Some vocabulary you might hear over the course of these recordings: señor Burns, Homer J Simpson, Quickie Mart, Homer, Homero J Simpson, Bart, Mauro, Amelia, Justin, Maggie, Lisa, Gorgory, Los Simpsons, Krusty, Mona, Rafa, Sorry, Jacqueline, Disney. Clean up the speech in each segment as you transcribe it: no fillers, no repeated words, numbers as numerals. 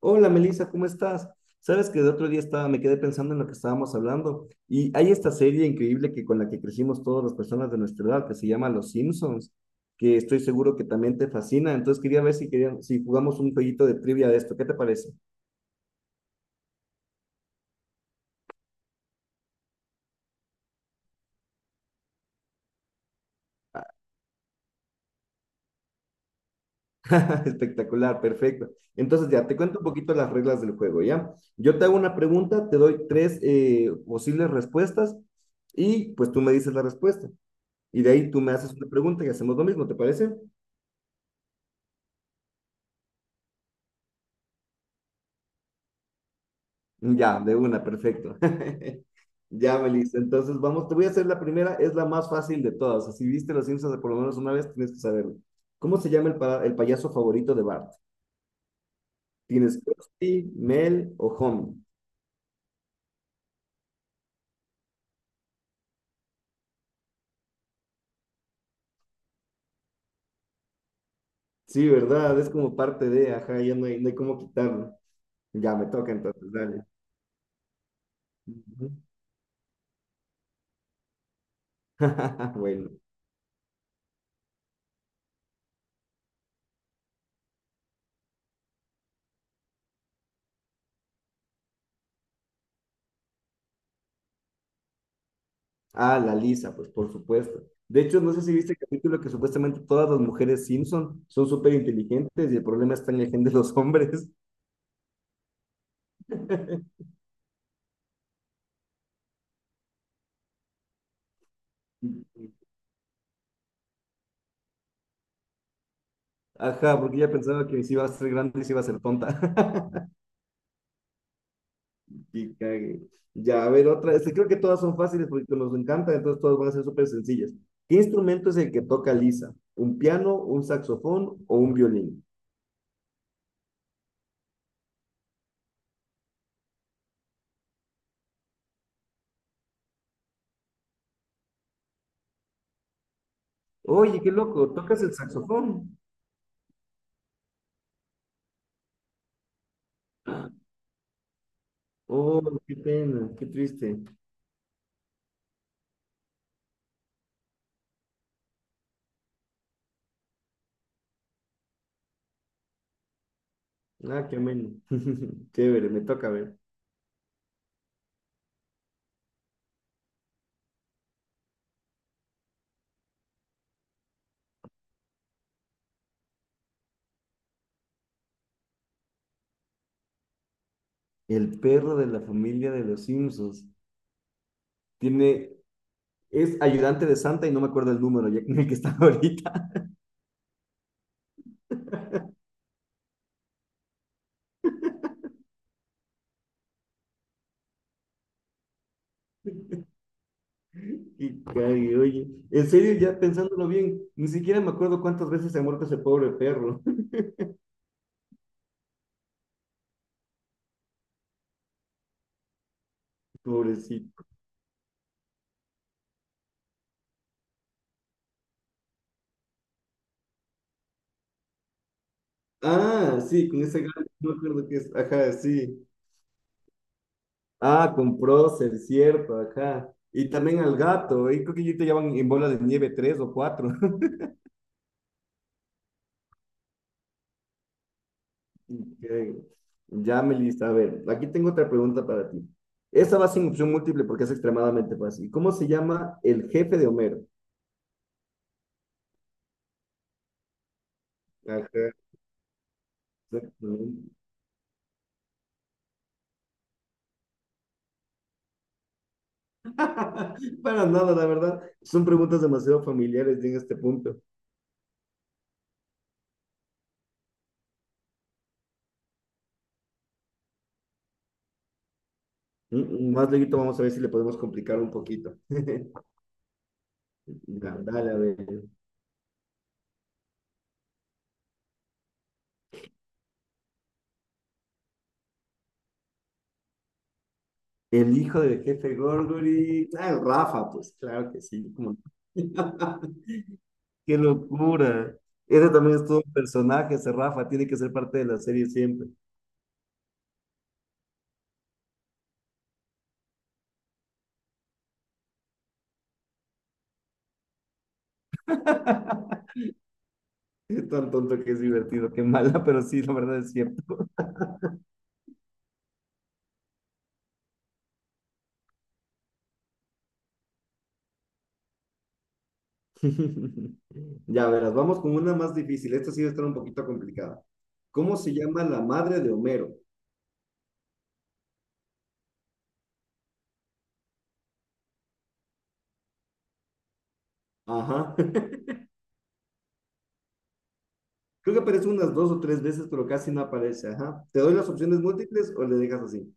Hola Melissa, ¿cómo estás? Sabes que el otro día me quedé pensando en lo que estábamos hablando y hay esta serie increíble que con la que crecimos todas las personas de nuestra edad que se llama Los Simpsons, que estoy seguro que también te fascina. Entonces quería ver si queríamos, si jugamos un jueguito de trivia de esto. ¿Qué te parece? Espectacular, perfecto. Entonces ya te cuento un poquito las reglas del juego, ¿ya? Yo te hago una pregunta, te doy tres posibles respuestas y pues tú me dices la respuesta. Y de ahí tú me haces una pregunta y hacemos lo mismo, ¿te parece? Ya, de una, perfecto. Ya, Melissa. Entonces, vamos, te voy a hacer la primera, es la más fácil de todas. O sea, si viste Los Simpsons por lo menos una vez, tienes que saberlo. ¿Cómo se llama el payaso favorito de Bart? ¿Tienes Krusty, Mel o Homer? Sí, ¿verdad? Es como parte de, ajá, ya no hay cómo quitarlo. Ya, me toca entonces, dale. Ujú. Bueno. Ah, la Lisa, pues por supuesto. De hecho, no sé si viste el capítulo que supuestamente todas las mujeres Simpson son súper inteligentes y el problema está en la gente de los hombres. Ajá, porque ya pensaba que si iba a ser grande y si iba a ser tonta. Y cague. Ya, a ver, otra. Este, creo que todas son fáciles porque nos encanta, entonces todas van a ser súper sencillas. ¿Qué instrumento es el que toca Lisa? ¿Un piano, un saxofón o un violín? Oye, qué loco, ¿tocas el saxofón? Oh, qué pena, qué triste. Ah, qué ameno. Chévere, me toca ver. El perro de la familia de los Simpsons tiene, es ayudante de Santa y no me acuerdo el número ya en el que está ahorita. Y cague, oye. En serio, ya pensándolo bien, ni siquiera me acuerdo cuántas veces se ha muerto ese pobre perro. Pobrecito. Ah, sí, con ese gato, no me acuerdo qué es. Ajá, sí. Ah, con Procer, cierto, ajá. Y también al gato, y creo que ellos te llevan en bola de nieve tres o cuatro. Ok. Ya, Melissa, a ver, aquí tengo otra pregunta para ti. Esa va sin opción múltiple porque es extremadamente fácil. ¿Cómo se llama el jefe de Homero? Ajá. Exactamente. Para nada, la verdad. Son preguntas demasiado familiares en este punto. Mm, mm, más luego vamos a ver si le podemos complicar un poquito. Ya, dale, a ver. El hijo del jefe Gorgory. Ah, Rafa, pues claro que sí. Cómo. Qué locura. Ese también es todo un personaje, ese Rafa. Tiene que ser parte de la serie siempre. Es tan tonto que es divertido, qué mala, pero sí, la verdad es cierto. Ya verás, vamos con una más difícil. Esta sí va a estar un poquito complicada. ¿Cómo se llama la madre de Homero? Ajá. Creo que aparece unas dos o tres veces, pero casi no aparece. Ajá. ¿Te doy las opciones múltiples o le dejas así?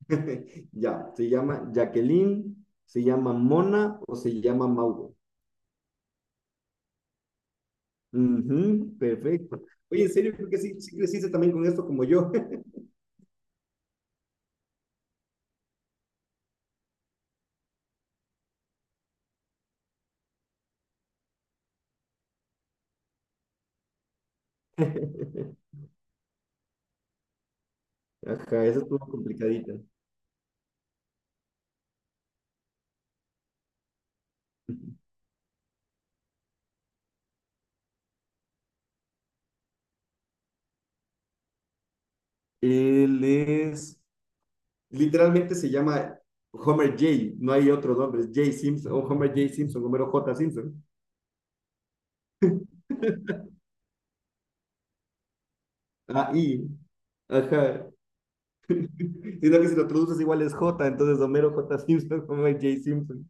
Ya, se llama Jacqueline, se llama Mona o se llama Mauro. Ujú, perfecto. Oye, en serio, creo que sí, sí creciste también con esto como yo. Ajá, eso estuvo complicadita. Él es. Literalmente se llama Homer J, no hay otro nombre, es J Simpson, o Homer J Simpson, Homero J Simpson. Ahí, ajá. Sino que si lo traduces igual es J, entonces Homero J Simpson, Homer J Simpson.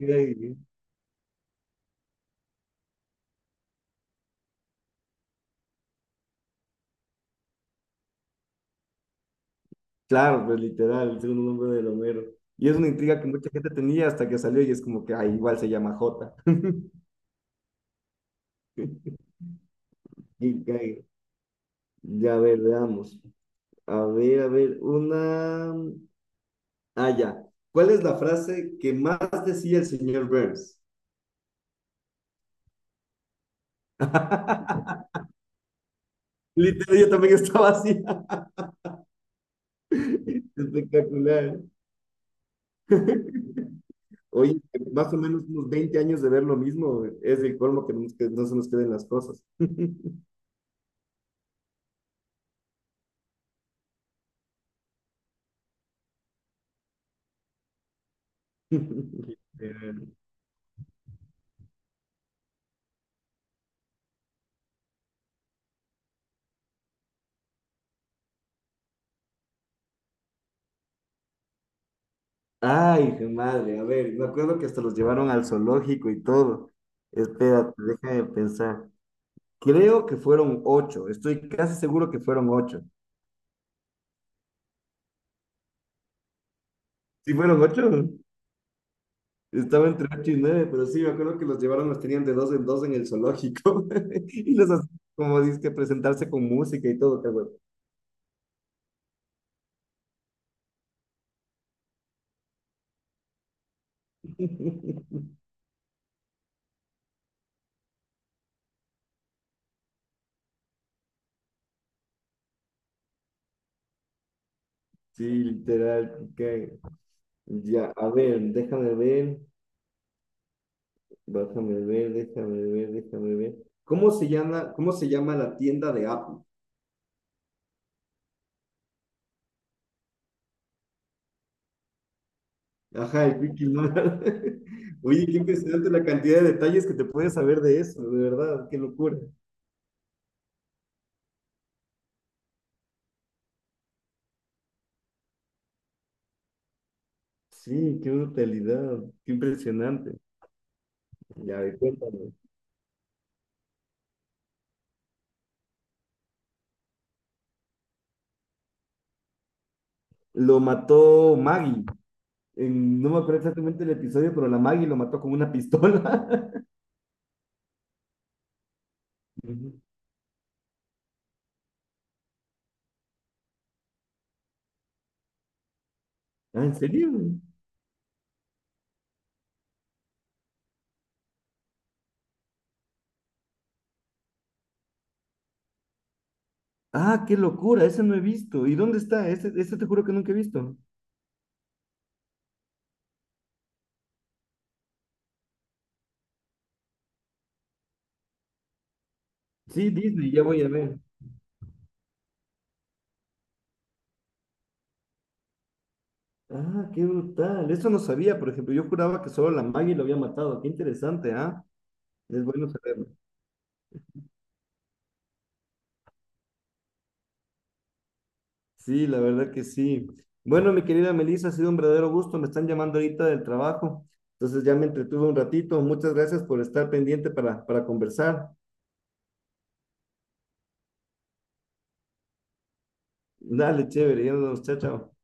Ay, claro, pues literal, el segundo nombre de Homero. Y es una intriga que mucha gente tenía hasta que salió y es como que, ah, igual se llama J. Y cae. Ya, a ver, veamos. A ver, una... Ah, ya. ¿Cuál es la frase que más decía el señor Burns? Literal, yo también estaba así. Espectacular. Oye, más o menos unos 20 años de ver lo mismo, es el colmo que, no nos- que no se nos queden las cosas. Literal. Ay, qué madre, a ver, me acuerdo que hasta los llevaron al zoológico y todo. Espérate, déjame pensar. Creo que fueron ocho, estoy casi seguro que fueron ocho. ¿Sí fueron ocho? Estaba entre 8 y 9 pero sí, me acuerdo que los llevaron, los tenían de dos en dos en el zoológico. Y los hacían, como dices, que presentarse con música y todo, cabrón. Sí, literal. Ok. Ya, a ver, déjame ver. Cómo se llama la tienda de Apple? Ajá, el Quickie Mart. Oye, qué impresionante la cantidad de detalles que te puedes saber de eso, de verdad, qué locura. Sí, qué brutalidad, qué impresionante. Ya, a ver, cuéntame. Lo mató Maggie. En, no me acuerdo exactamente el episodio, pero la Maggie lo mató con una pistola. Ah, ¿en serio? Ah, qué locura, ese no he visto. ¿Y dónde está? Ese te juro que nunca he visto. Sí, Disney, ya voy a ver. Ah, qué brutal. Eso no sabía, por ejemplo. Yo juraba que solo la Maggie lo había matado. Qué interesante, ¿ah? Es bueno saberlo. Sí, la verdad que sí. Bueno, mi querida Melissa, ha sido un verdadero gusto. Me están llamando ahorita del trabajo. Entonces ya me entretuve un ratito. Muchas gracias por estar pendiente para, conversar. Dale, chévere, ya nos vemos, chao, chao.